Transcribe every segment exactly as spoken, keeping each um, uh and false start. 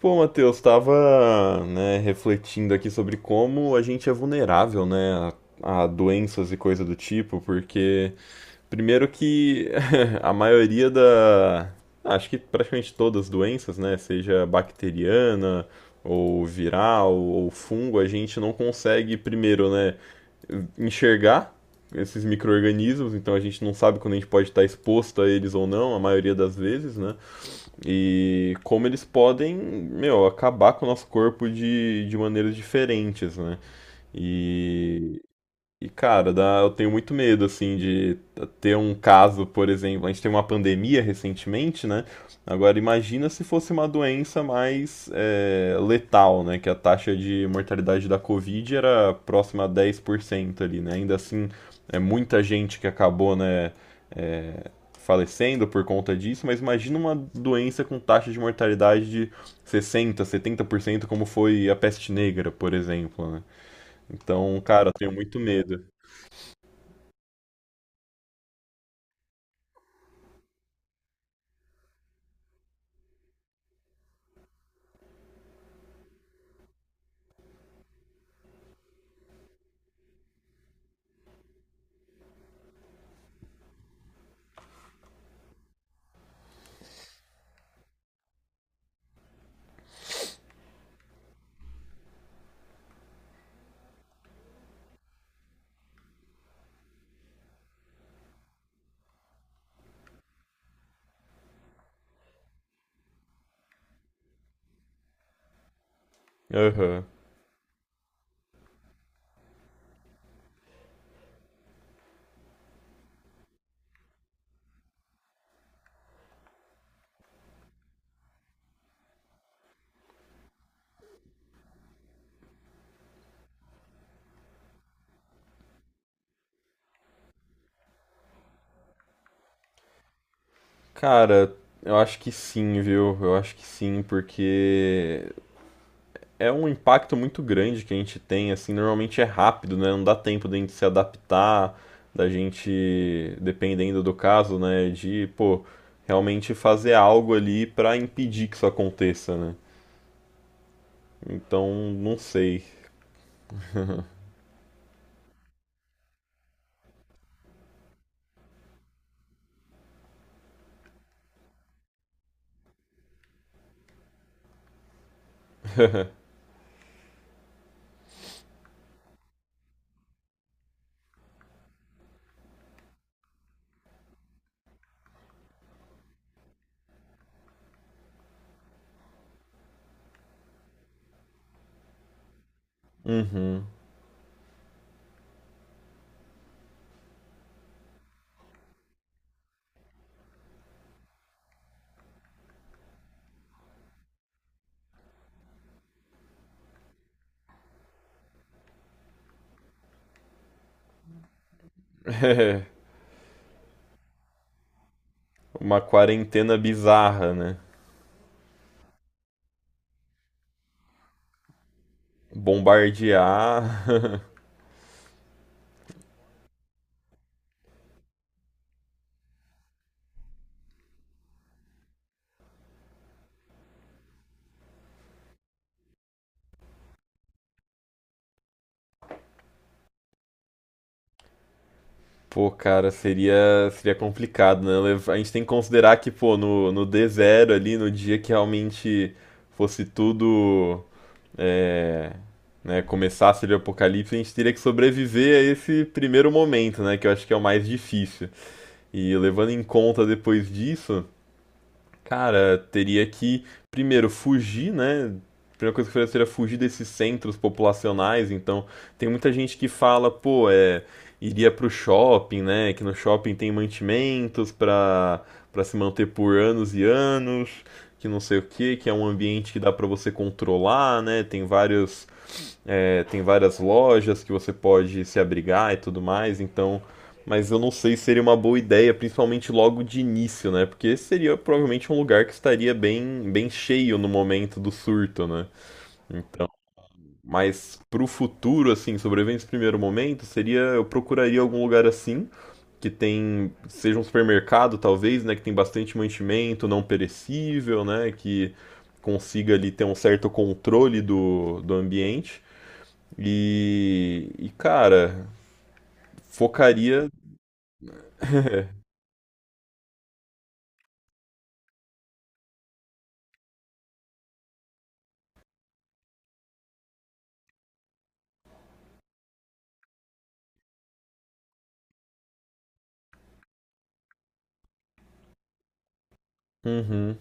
Pô, Matheus, estava, né, refletindo aqui sobre como a gente é vulnerável, né, a, a doenças e coisa do tipo, porque primeiro que a maioria da, acho que praticamente todas as doenças, né, seja bacteriana ou viral ou fungo, a gente não consegue primeiro, né, enxergar esses micro-organismos, então a gente não sabe quando a gente pode estar exposto a eles ou não, a maioria das vezes, né? E como eles podem, meu, acabar com o nosso corpo de, de maneiras diferentes, né? E e, cara, dá- eu tenho muito medo, assim, de ter um caso, por exemplo, a gente teve uma pandemia recentemente, né? Agora, imagina se fosse uma doença mais é, letal, né? Que a taxa de mortalidade da Covid era próxima a dez por cento ali, né? Ainda assim, é muita gente que acabou, né, é, falecendo por conta disso, mas imagina uma doença com taxa de mortalidade de sessenta, setenta por cento, como foi a peste negra, por exemplo, né? Então, cara, eu tenho muito medo. Aham. Cara, eu acho que sim, viu? Eu acho que sim, porque é um impacto muito grande que a gente tem, assim, normalmente é rápido, né? Não dá tempo da gente se adaptar, da gente, dependendo do caso, né, de, pô, realmente fazer algo ali pra impedir que isso aconteça, né? Então, não sei. Uhum. Uma quarentena bizarra, né? Bombardear. Pô, cara, seria, seria complicado, né? Lev- A gente tem que considerar que, pô, no, no dê zero ali, no dia que realmente fosse tudo, é, né, começasse ali o apocalipse, a gente teria que sobreviver a esse primeiro momento, né? Que eu acho que é o mais difícil. E levando em conta depois disso. Cara, teria que primeiro fugir, né? A primeira coisa que eu faria seria fugir desses centros populacionais. Então, tem muita gente que fala, pô, é, iria pro shopping, né? Que no shopping tem mantimentos pra, pra se manter por anos e anos, que não sei o que, que é um ambiente que dá pra você controlar, né? Tem vários é, tem várias lojas que você pode se abrigar e tudo mais, então. Mas eu não sei se seria uma boa ideia, principalmente logo de início, né? Porque esse seria provavelmente um lugar que estaria bem, bem cheio no momento do surto, né? Mas pro futuro, assim, sobrevivendo esse primeiro momento, seria. Eu procuraria algum lugar assim, que tem. Seja um supermercado, talvez, né? Que tem bastante mantimento não perecível, né? Que consiga ali ter um certo controle do, do ambiente e, e cara, focaria. Uhum.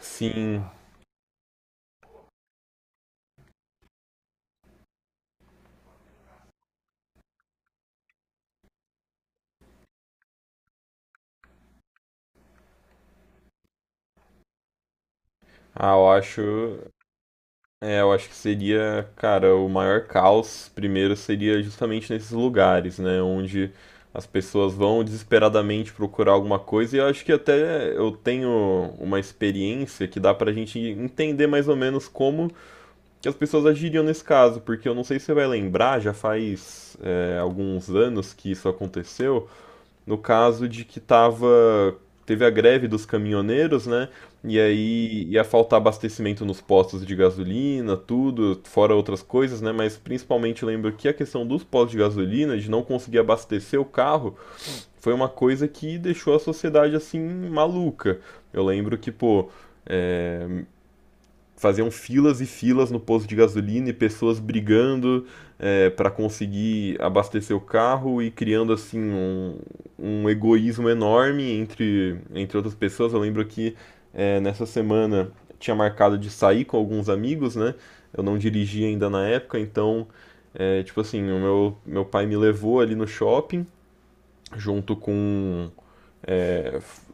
Sim. Ah, eu acho. É, eu acho que seria, cara, o maior caos primeiro seria justamente nesses lugares, né? Onde as pessoas vão desesperadamente procurar alguma coisa. E eu acho que até eu tenho uma experiência que dá pra gente entender mais ou menos como que as pessoas agiriam nesse caso. Porque eu não sei se você vai lembrar, já faz, é, alguns anos que isso aconteceu. No caso de que tava, Teve a greve dos caminhoneiros, né? E aí ia faltar abastecimento nos postos de gasolina, tudo, fora outras coisas, né? Mas principalmente lembro que a questão dos postos de gasolina, de não conseguir abastecer o carro, foi uma coisa que deixou a sociedade assim maluca. Eu lembro que, pô, faziam filas e filas no posto de gasolina e pessoas brigando é, para conseguir abastecer o carro e criando assim um, um egoísmo enorme entre, entre outras pessoas. Eu lembro que é, nessa semana tinha marcado de sair com alguns amigos, né? Eu não dirigia ainda na época, então é, tipo assim, o meu, meu pai me levou ali no shopping junto com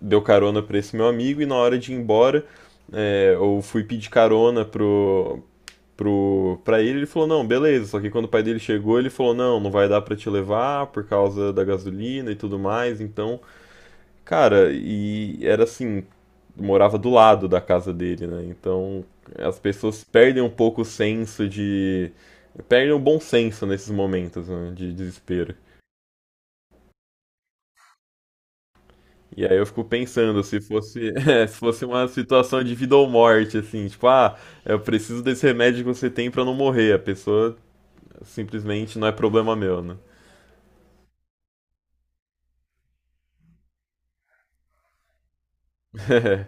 deu carona para esse meu amigo e na hora de ir embora é, eu fui pedir carona pro, pro, pra ele, ele falou, não, beleza. Só que quando o pai dele chegou, ele falou, não, não vai dar pra te levar por causa da gasolina e tudo mais. Então, cara, e era assim, morava do lado da casa dele, né? Então, as pessoas perdem um pouco o senso de... Perdem o bom senso nesses momentos, né, de desespero. E aí eu fico pensando, se fosse, é, se fosse uma situação de vida ou morte, assim, tipo, ah, eu preciso desse remédio que você tem pra não morrer. A pessoa simplesmente não é problema meu, né? É,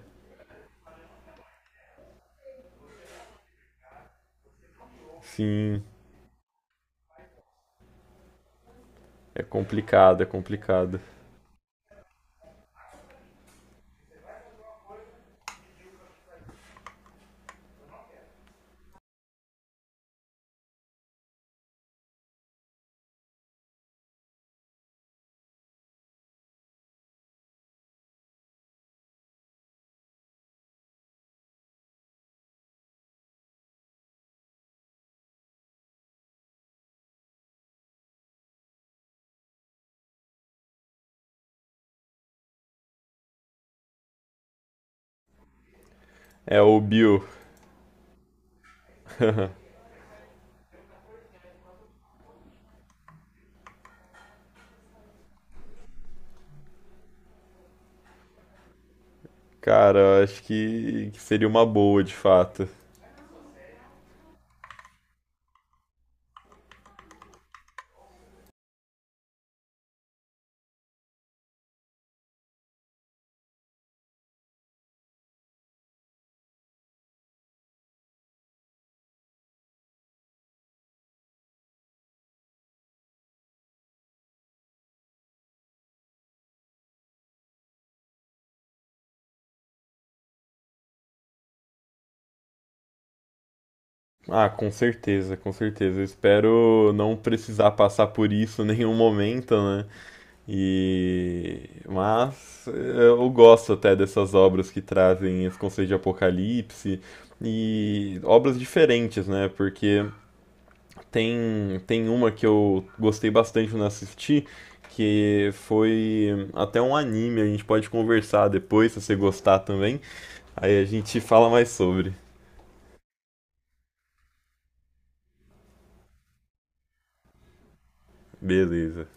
sim, é complicado, é complicado. É o Bill, cara, eu acho que, que seria uma boa de fato. Ah, com certeza, com certeza. Eu espero não precisar passar por isso em nenhum momento, né? E mas eu gosto até dessas obras que trazem esse conceito de apocalipse e obras diferentes, né? Porque tem, tem uma que eu gostei bastante quando assisti, que foi até um anime, a gente pode conversar depois se você gostar também. Aí a gente fala mais sobre. Beleza.